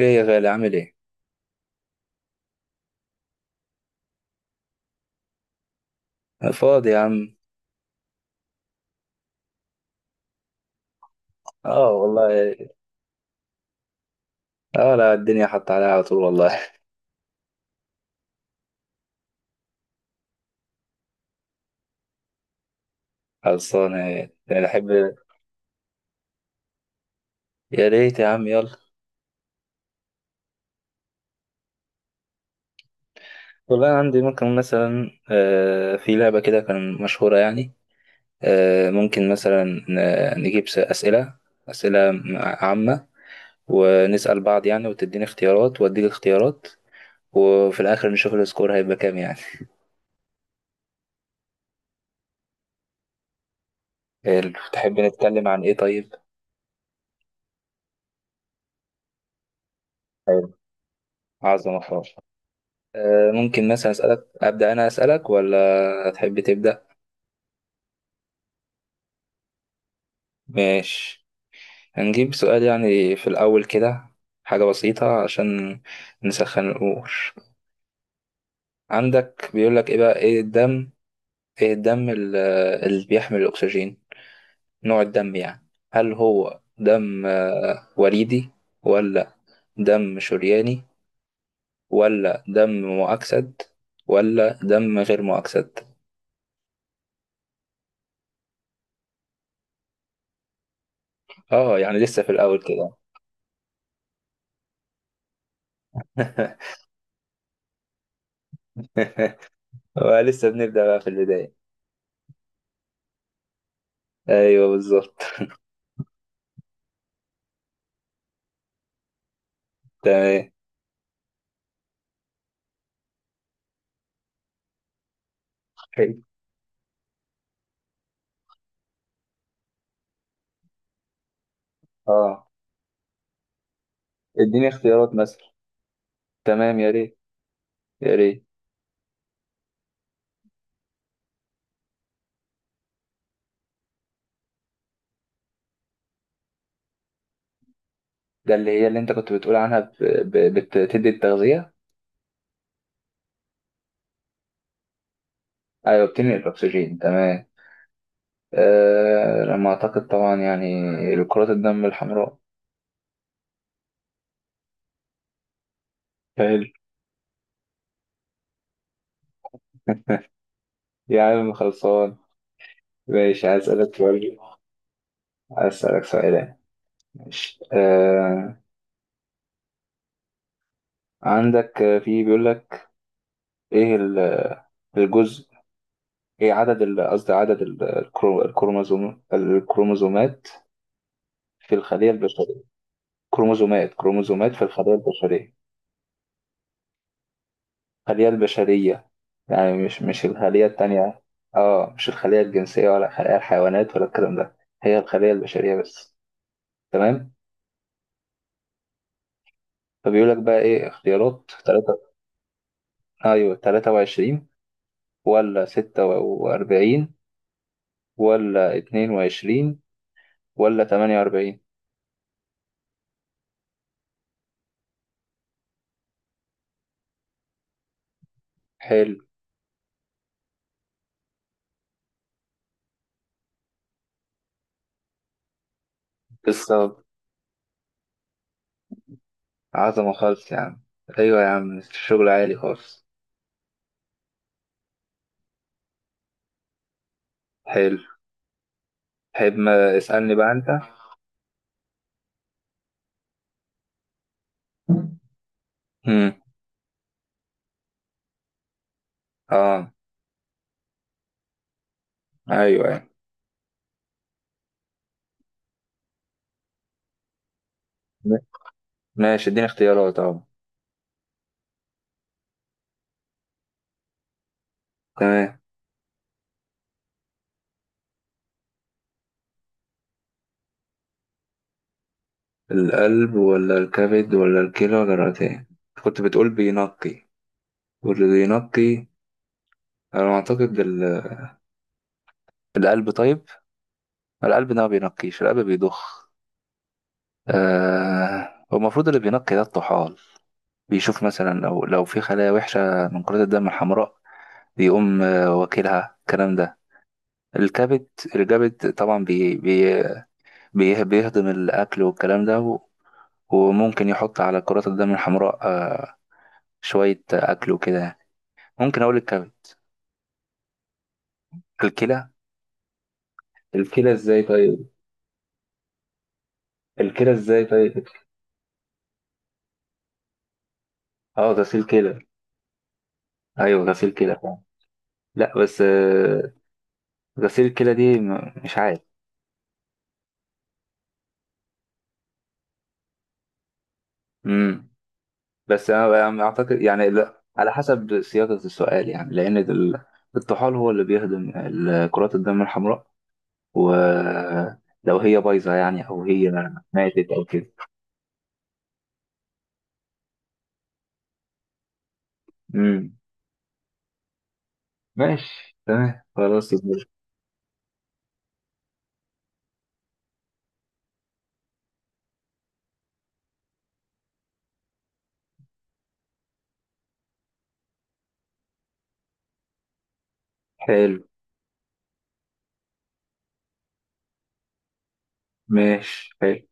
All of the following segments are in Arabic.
ايه يا غالي عامل ايه؟ فاضي يا عم. اه والله. اه، لا الدنيا حط عليها على طول والله. خلصانة. يعني احب، يا ريت يا عم يلا. والله أنا عندي، ممكن مثلا في لعبة كده كان مشهورة يعني. ممكن مثلا نجيب أسئلة، أسئلة عامة، ونسأل بعض يعني، وتديني اختيارات وأديك اختيارات، وفي الآخر نشوف السكور هيبقى كام يعني. تحب نتكلم عن ايه طيب؟ حلو، عظمة خالص. ممكن مثلا أسألك، أبدأ أنا أسألك ولا تحب تبدأ؟ ماشي، هنجيب سؤال يعني في الأول كده، حاجة بسيطة عشان نسخن الأمور. عندك بيقولك إيه بقى، إيه الدم، إيه الدم اللي بيحمل الأكسجين، نوع الدم يعني، هل هو دم وريدي ولا دم شرياني، ولا دم مؤكسد ولا دم غير مؤكسد؟ آه يعني لسه في الأول كده. لسه بنبدأ بقى في البداية. ايوه بالظبط. تمام، حلو. اه اديني اختيارات مثلا. تمام يا ريت، يا ريت. ده اللي هي اللي انت كنت بتقول عنها بتدي التغذية. ايوه بتنقل الاكسجين تمام. آه لما اعتقد طبعا يعني كرات الدم الحمراء. حلو. يا عم خلصان. ماشي، هسألك سؤال. ماشي آه. عندك في بيقول لك ايه الجزء، ايه عدد قصدي عدد الكروموزومات في الخلية البشرية، كروموزومات، كروموزومات في الخلية البشرية، الخلية البشرية، يعني مش الخلية التانية، اه مش الخلية الجنسية ولا الخلية الحيوانات ولا الكلام ده، هي الخلية البشرية بس. تمام. فبيقول لك بقى ايه، اختيارات تلاتة: ايوه 23 ولا 46 ولا 22 ولا 48؟ حلو، بالظبط. عظمة خالص يا عم، أيوة يا عم الشغل عالي خالص. حلو. تحب ما اسألني بقى أنت. مم. آه، أيوة أيوة. م- ماشي اديني اختيارات أهو. تمام، القلب ولا الكبد ولا الكلى ولا الرئتين؟ كنت بتقول بينقي، واللي بينقي، أنا أعتقد القلب، طيب القلب ده ما بينقيش، القلب بيضخ، آه، هو المفروض اللي بينقي ده الطحال، بيشوف مثلا لو في خلايا وحشة من كرات الدم الحمراء، بيقوم واكلها الكلام ده. الكبد، الكبد طبعا بيهضم الأكل والكلام ده، وممكن يحط على كرات الدم الحمراء شوية أكل وكده يعني. ممكن أقول الكبد. الكلى. الكلى ازاي طيب، الكلى ازاي طيب. اه غسيل كلى. ايوه غسيل كلى فعلا. لا بس غسيل كلى دي مش عارف. امم، اعتقد يعني، لا على حسب صياغة السؤال يعني، لان الطحال هو اللي بيهضم كرات الدم الحمراء، ولو هي بايظة يعني، أو هي ماتت أو كده. امم، ماشي تمام، خلاص يا زميلي. حلو، ماشي، حلو،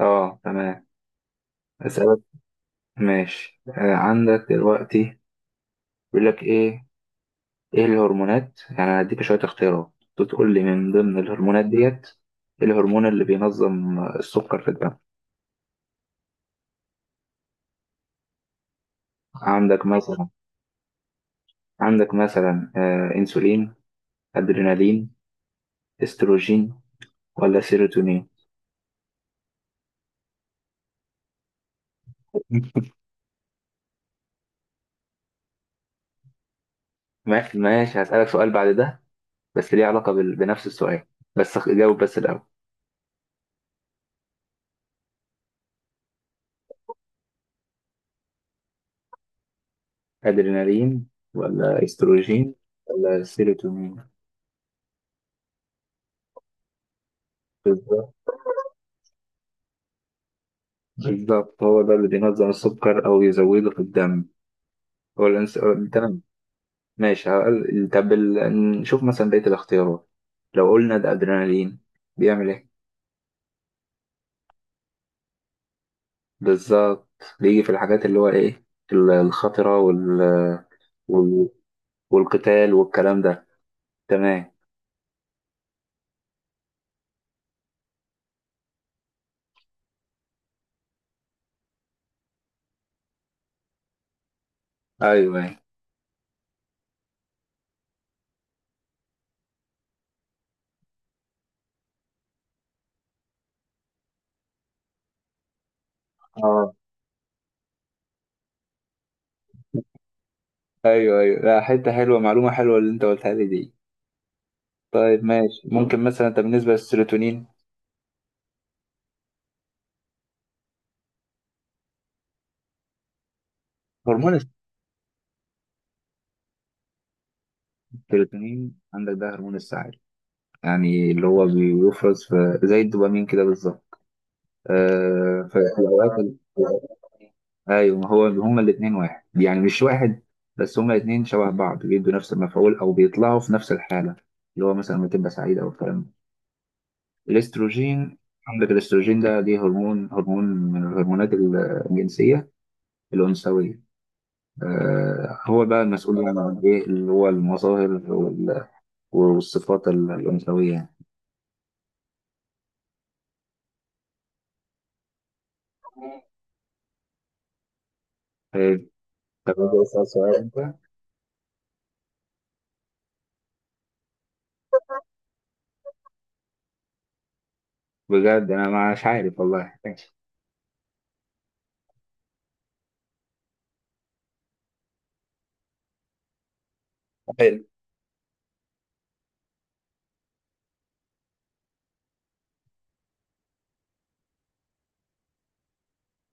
اه تمام. أسألك، ماشي آه. عندك دلوقتي بيقول لك إيه، إيه الهرمونات، يعني أنا هديك شوية اختيارات تقول لي من ضمن الهرمونات ديت إيه الهرمون اللي بينظم السكر في الدم. عندك مثلا، عندك مثلا انسولين، ادرينالين، استروجين، ولا سيروتونين؟ ماشي هسألك سؤال بعد ده، بس ليه علاقة بنفس السؤال، بس جاوب بس الأول. أدرينالين ولا استروجين ولا سيروتونين؟ بالظبط، بالظبط، هو ده اللي بينظم السكر أو يزوده في الدم. هو الأنس... تمام. ماشي طب نشوف مثلا بقية الاختيارات، لو قلنا ده أدرينالين بيعمل إيه؟ بالظبط، بيجي في الحاجات اللي هو إيه، الخطرة وال... والقتال والكلام ده. تمام، أيوه أيوه، ايوه ايوه، لا حته حلوه، معلومه حلوه اللي انت قلتها لي دي. طيب ماشي، ممكن مثلا انت بالنسبه للسيروتونين. هرمون السيروتونين، عندك ده هرمون السعاده، يعني اللي هو بيفرز في زي الدوبامين كده بالظبط. آه في الاوقات ايوه، ما هو هما الاثنين واحد، يعني مش واحد، بس هما الاثنين شبه بعض، بيدوا نفس المفعول او بيطلعوا في نفس الحاله، اللي هو مثلا لما تبقى سعيده او الكلام ده. الاستروجين، عندك الاستروجين ده ليه هرمون، هرمون من الهرمونات الجنسيه الانثويه، آه، هو بقى المسؤول يعني عن ايه، اللي هو المظاهر والصفات الأنثوية يعني. آه، طب أجي أسأل سؤال أنت. بجد أنا مش عارف والله، ماشي، حلو،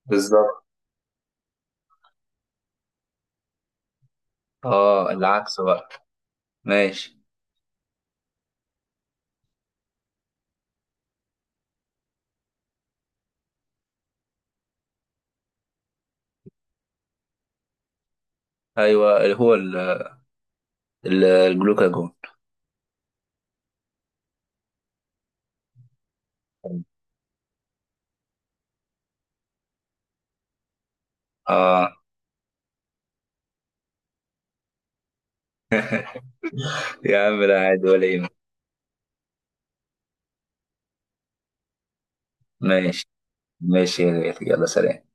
بالظبط. اه العكس بقى، ماشي، ايوه اللي هو الجلوكاجون. اه يا عم لا عادي ولا يهمك. ماشي. ماشي يا غالي. يلا سلام.